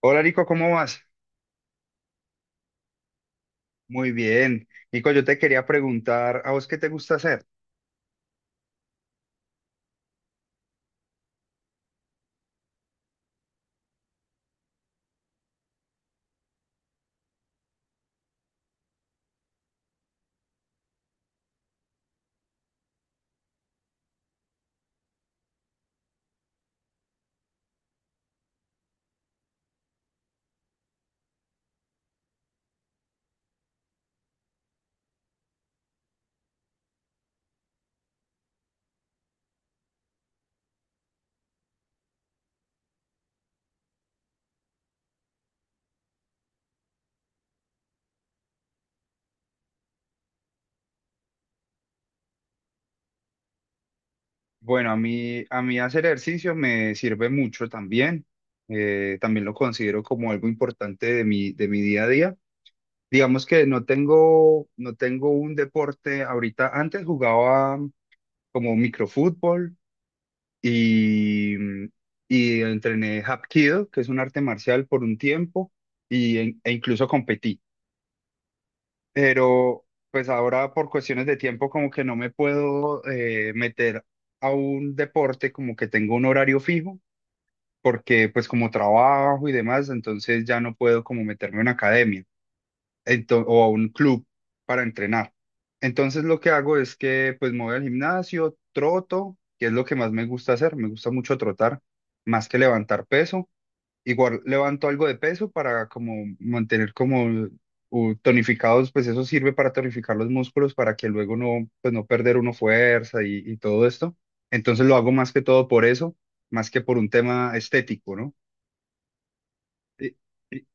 Hola Nico, ¿cómo vas? Muy bien. Nico, yo te quería preguntar, ¿a vos qué te gusta hacer? Bueno, a mí hacer ejercicio me sirve mucho también. También lo considero como algo importante de mi día a día. Digamos que no tengo, no tengo un deporte ahorita. Antes jugaba como microfútbol y, y entrené Hapkido, que es un arte marcial por un tiempo, y, e incluso competí. Pero pues ahora por cuestiones de tiempo como que no me puedo meter a un deporte como que tengo un horario fijo, porque pues como trabajo y demás, entonces ya no puedo como meterme a una academia o a un club para entrenar. Entonces lo que hago es que pues me voy al gimnasio, troto, que es lo que más me gusta hacer, me gusta mucho trotar, más que levantar peso. Igual levanto algo de peso para como mantener como tonificados, pues eso sirve para tonificar los músculos para que luego no, pues no perder uno fuerza y todo esto. Entonces lo hago más que todo por eso, más que por un tema estético, ¿no? Y- y-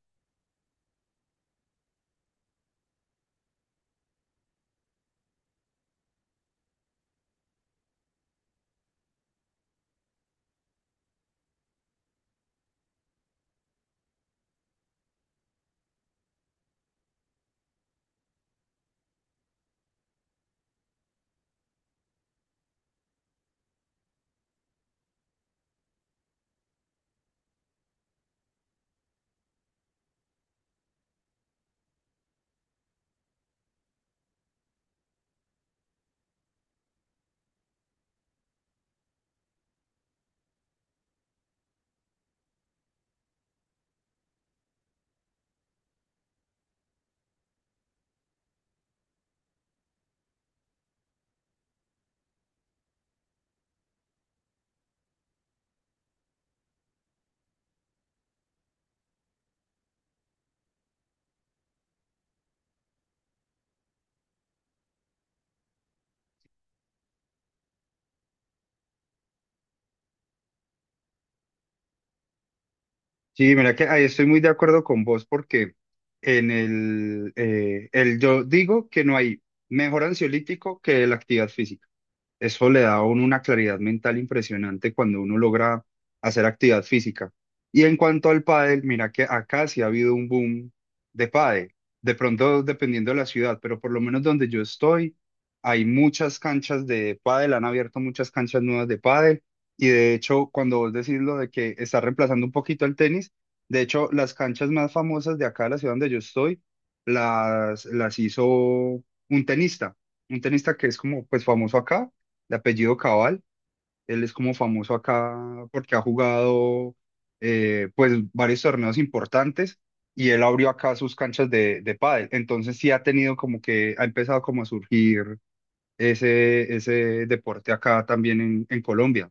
Sí, mira que ahí estoy muy de acuerdo con vos porque en el yo digo que no hay mejor ansiolítico que la actividad física. Eso le da a uno una claridad mental impresionante cuando uno logra hacer actividad física. Y en cuanto al pádel, mira que acá sí ha habido un boom de pádel. De pronto, dependiendo de la ciudad, pero por lo menos donde yo estoy, hay muchas canchas de pádel, han abierto muchas canchas nuevas de pádel. Y de hecho, cuando vos decís lo de que está reemplazando un poquito el tenis, de hecho, las canchas más famosas de acá, de la ciudad donde yo estoy, las hizo un tenista que es como pues famoso acá de apellido Cabal. Él es como famoso acá porque ha jugado pues varios torneos importantes y él abrió acá sus canchas de pádel. Entonces sí ha tenido como que, ha empezado como a surgir ese, ese deporte acá también en Colombia.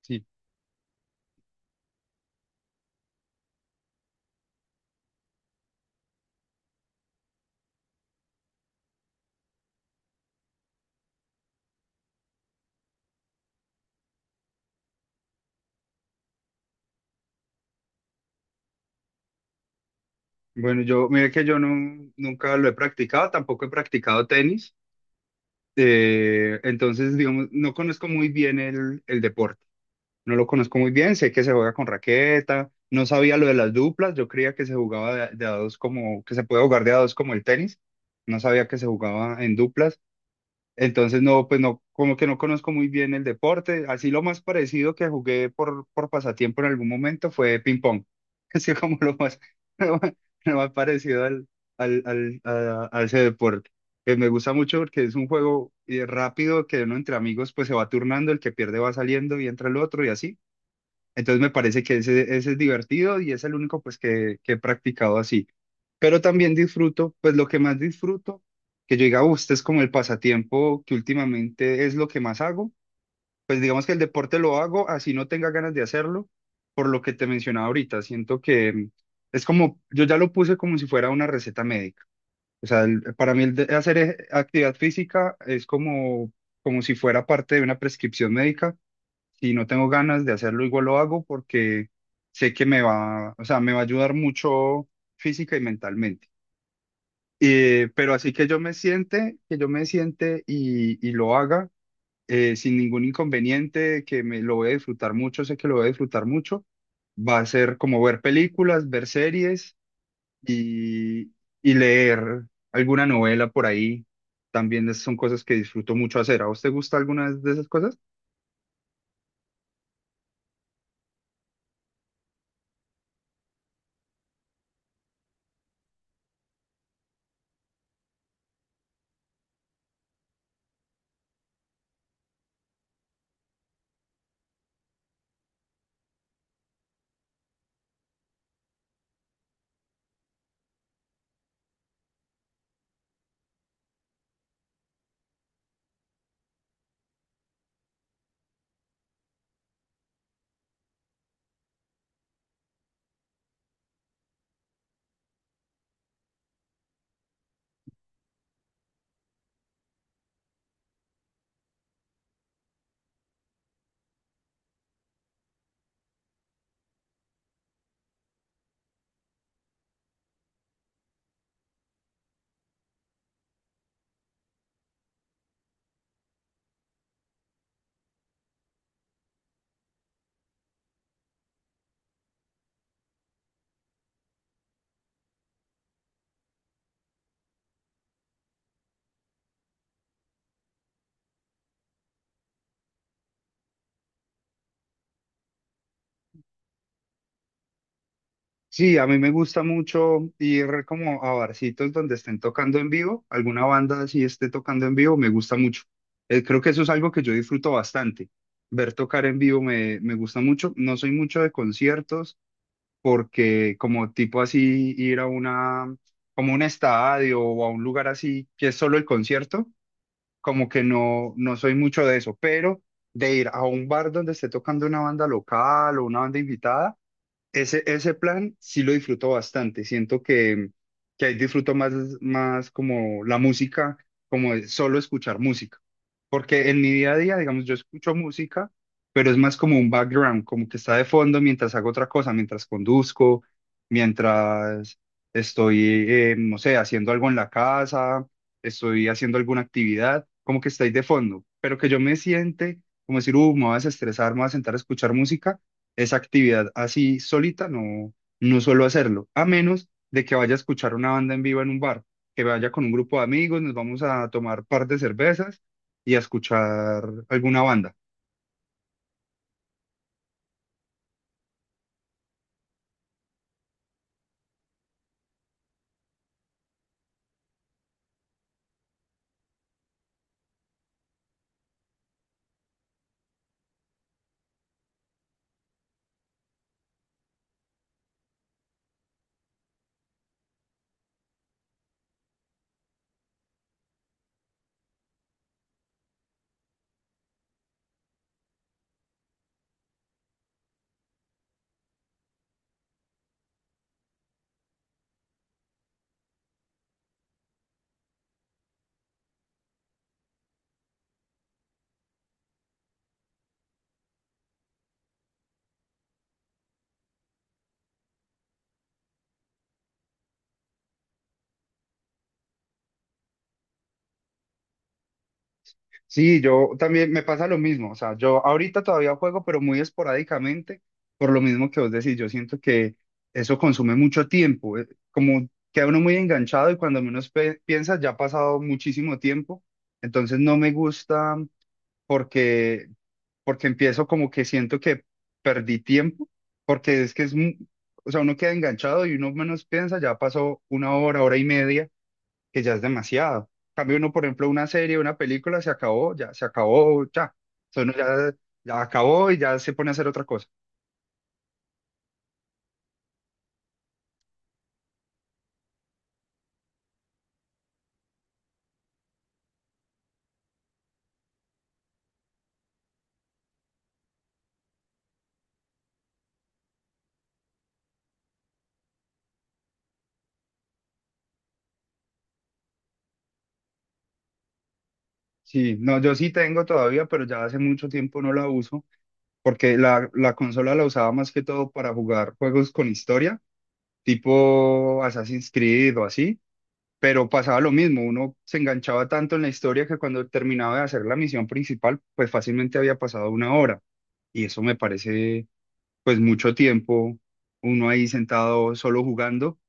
Sí. Bueno, yo, mire que yo no, nunca lo he practicado, tampoco he practicado tenis. Entonces, digamos, no conozco muy bien el deporte. No lo conozco muy bien, sé que se juega con raqueta, no sabía lo de las duplas, yo creía que se jugaba de a dos como, que se puede jugar de a dos como el tenis, no sabía que se jugaba en duplas, entonces no, pues no, como que no conozco muy bien el deporte, así lo más parecido que jugué por pasatiempo en algún momento fue ping pong, así como lo más, lo más, lo más parecido al, al, a ese deporte. Que me gusta mucho porque es un juego rápido que uno entre amigos pues se va turnando, el que pierde va saliendo y entra el otro y así. Entonces me parece que ese es divertido y es el único pues que he practicado así. Pero también disfruto, pues lo que más disfruto, que yo diga: este es como el pasatiempo que últimamente es lo que más hago". Pues digamos que el deporte lo hago así no tenga ganas de hacerlo, por lo que te mencionaba ahorita. Siento que es como, yo ya lo puse como si fuera una receta médica. O sea, para mí hacer actividad física es como, como si fuera parte de una prescripción médica. Si no tengo ganas de hacerlo, igual lo hago porque sé que me va, o sea, me va a ayudar mucho física y mentalmente. Pero así que yo me siente, que yo me siente y lo haga sin ningún inconveniente, que me lo voy a disfrutar mucho, sé que lo voy a disfrutar mucho. Va a ser como ver películas, ver series y, y leer alguna novela por ahí. También son cosas que disfruto mucho hacer. ¿A vos te gusta alguna de esas cosas? Sí, a mí me gusta mucho ir como a barcitos donde estén tocando en vivo, alguna banda así esté tocando en vivo, me gusta mucho. Creo que eso es algo que yo disfruto bastante. Ver tocar en vivo me, me gusta mucho. No soy mucho de conciertos porque como tipo así ir a una, como un estadio o a un lugar así que es solo el concierto, como que no, no soy mucho de eso, pero de ir a un bar donde esté tocando una banda local o una banda invitada. Ese plan sí lo disfruto bastante. Siento que ahí disfruto más, más como la música, como de solo escuchar música. Porque en mi día a día, digamos, yo escucho música, pero es más como un background, como que está de fondo mientras hago otra cosa, mientras conduzco, mientras estoy, no sé, haciendo algo en la casa, estoy haciendo alguna actividad, como que está ahí de fondo. Pero que yo me siente como decir, me voy a desestresar, me voy a sentar a escuchar música, esa actividad así solita, no, no suelo hacerlo, a menos de que vaya a escuchar una banda en vivo en un bar, que vaya con un grupo de amigos, nos vamos a tomar par de cervezas y a escuchar alguna banda. Sí, yo también me pasa lo mismo, o sea, yo ahorita todavía juego, pero muy esporádicamente, por lo mismo que vos decís, yo siento que eso consume mucho tiempo, como queda uno muy enganchado y cuando menos piensa ya ha pasado muchísimo tiempo, entonces no me gusta porque, porque empiezo como que siento que perdí tiempo, porque es que es, o sea, uno queda enganchado y uno menos piensa, ya pasó una hora, hora y media, que ya es demasiado. En cambio uno, por ejemplo, una serie, una película, se acabó, ya, se acabó, ya. Entonces uno ya, ya acabó y ya se pone a hacer otra cosa. Sí, no, yo sí tengo todavía, pero ya hace mucho tiempo no la uso, porque la consola la usaba más que todo para jugar juegos con historia, tipo Assassin's Creed o así. Pero pasaba lo mismo, uno se enganchaba tanto en la historia que cuando terminaba de hacer la misión principal, pues fácilmente había pasado una hora. Y eso me parece, pues mucho tiempo, uno ahí sentado solo jugando,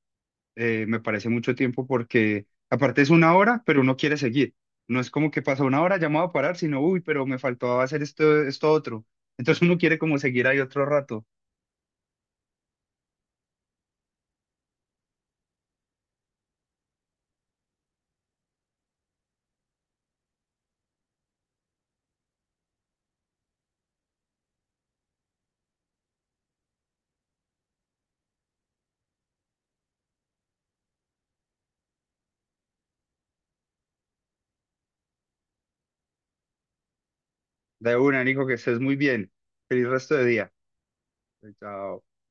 me parece mucho tiempo porque aparte es una hora, pero uno quiere seguir. No es como que pasa una hora, ya me voy a parar, sino, uy, pero me faltaba hacer esto, esto otro. Entonces uno quiere como seguir ahí otro rato. De una, Nico, que estés muy bien. Feliz resto de día. Chao.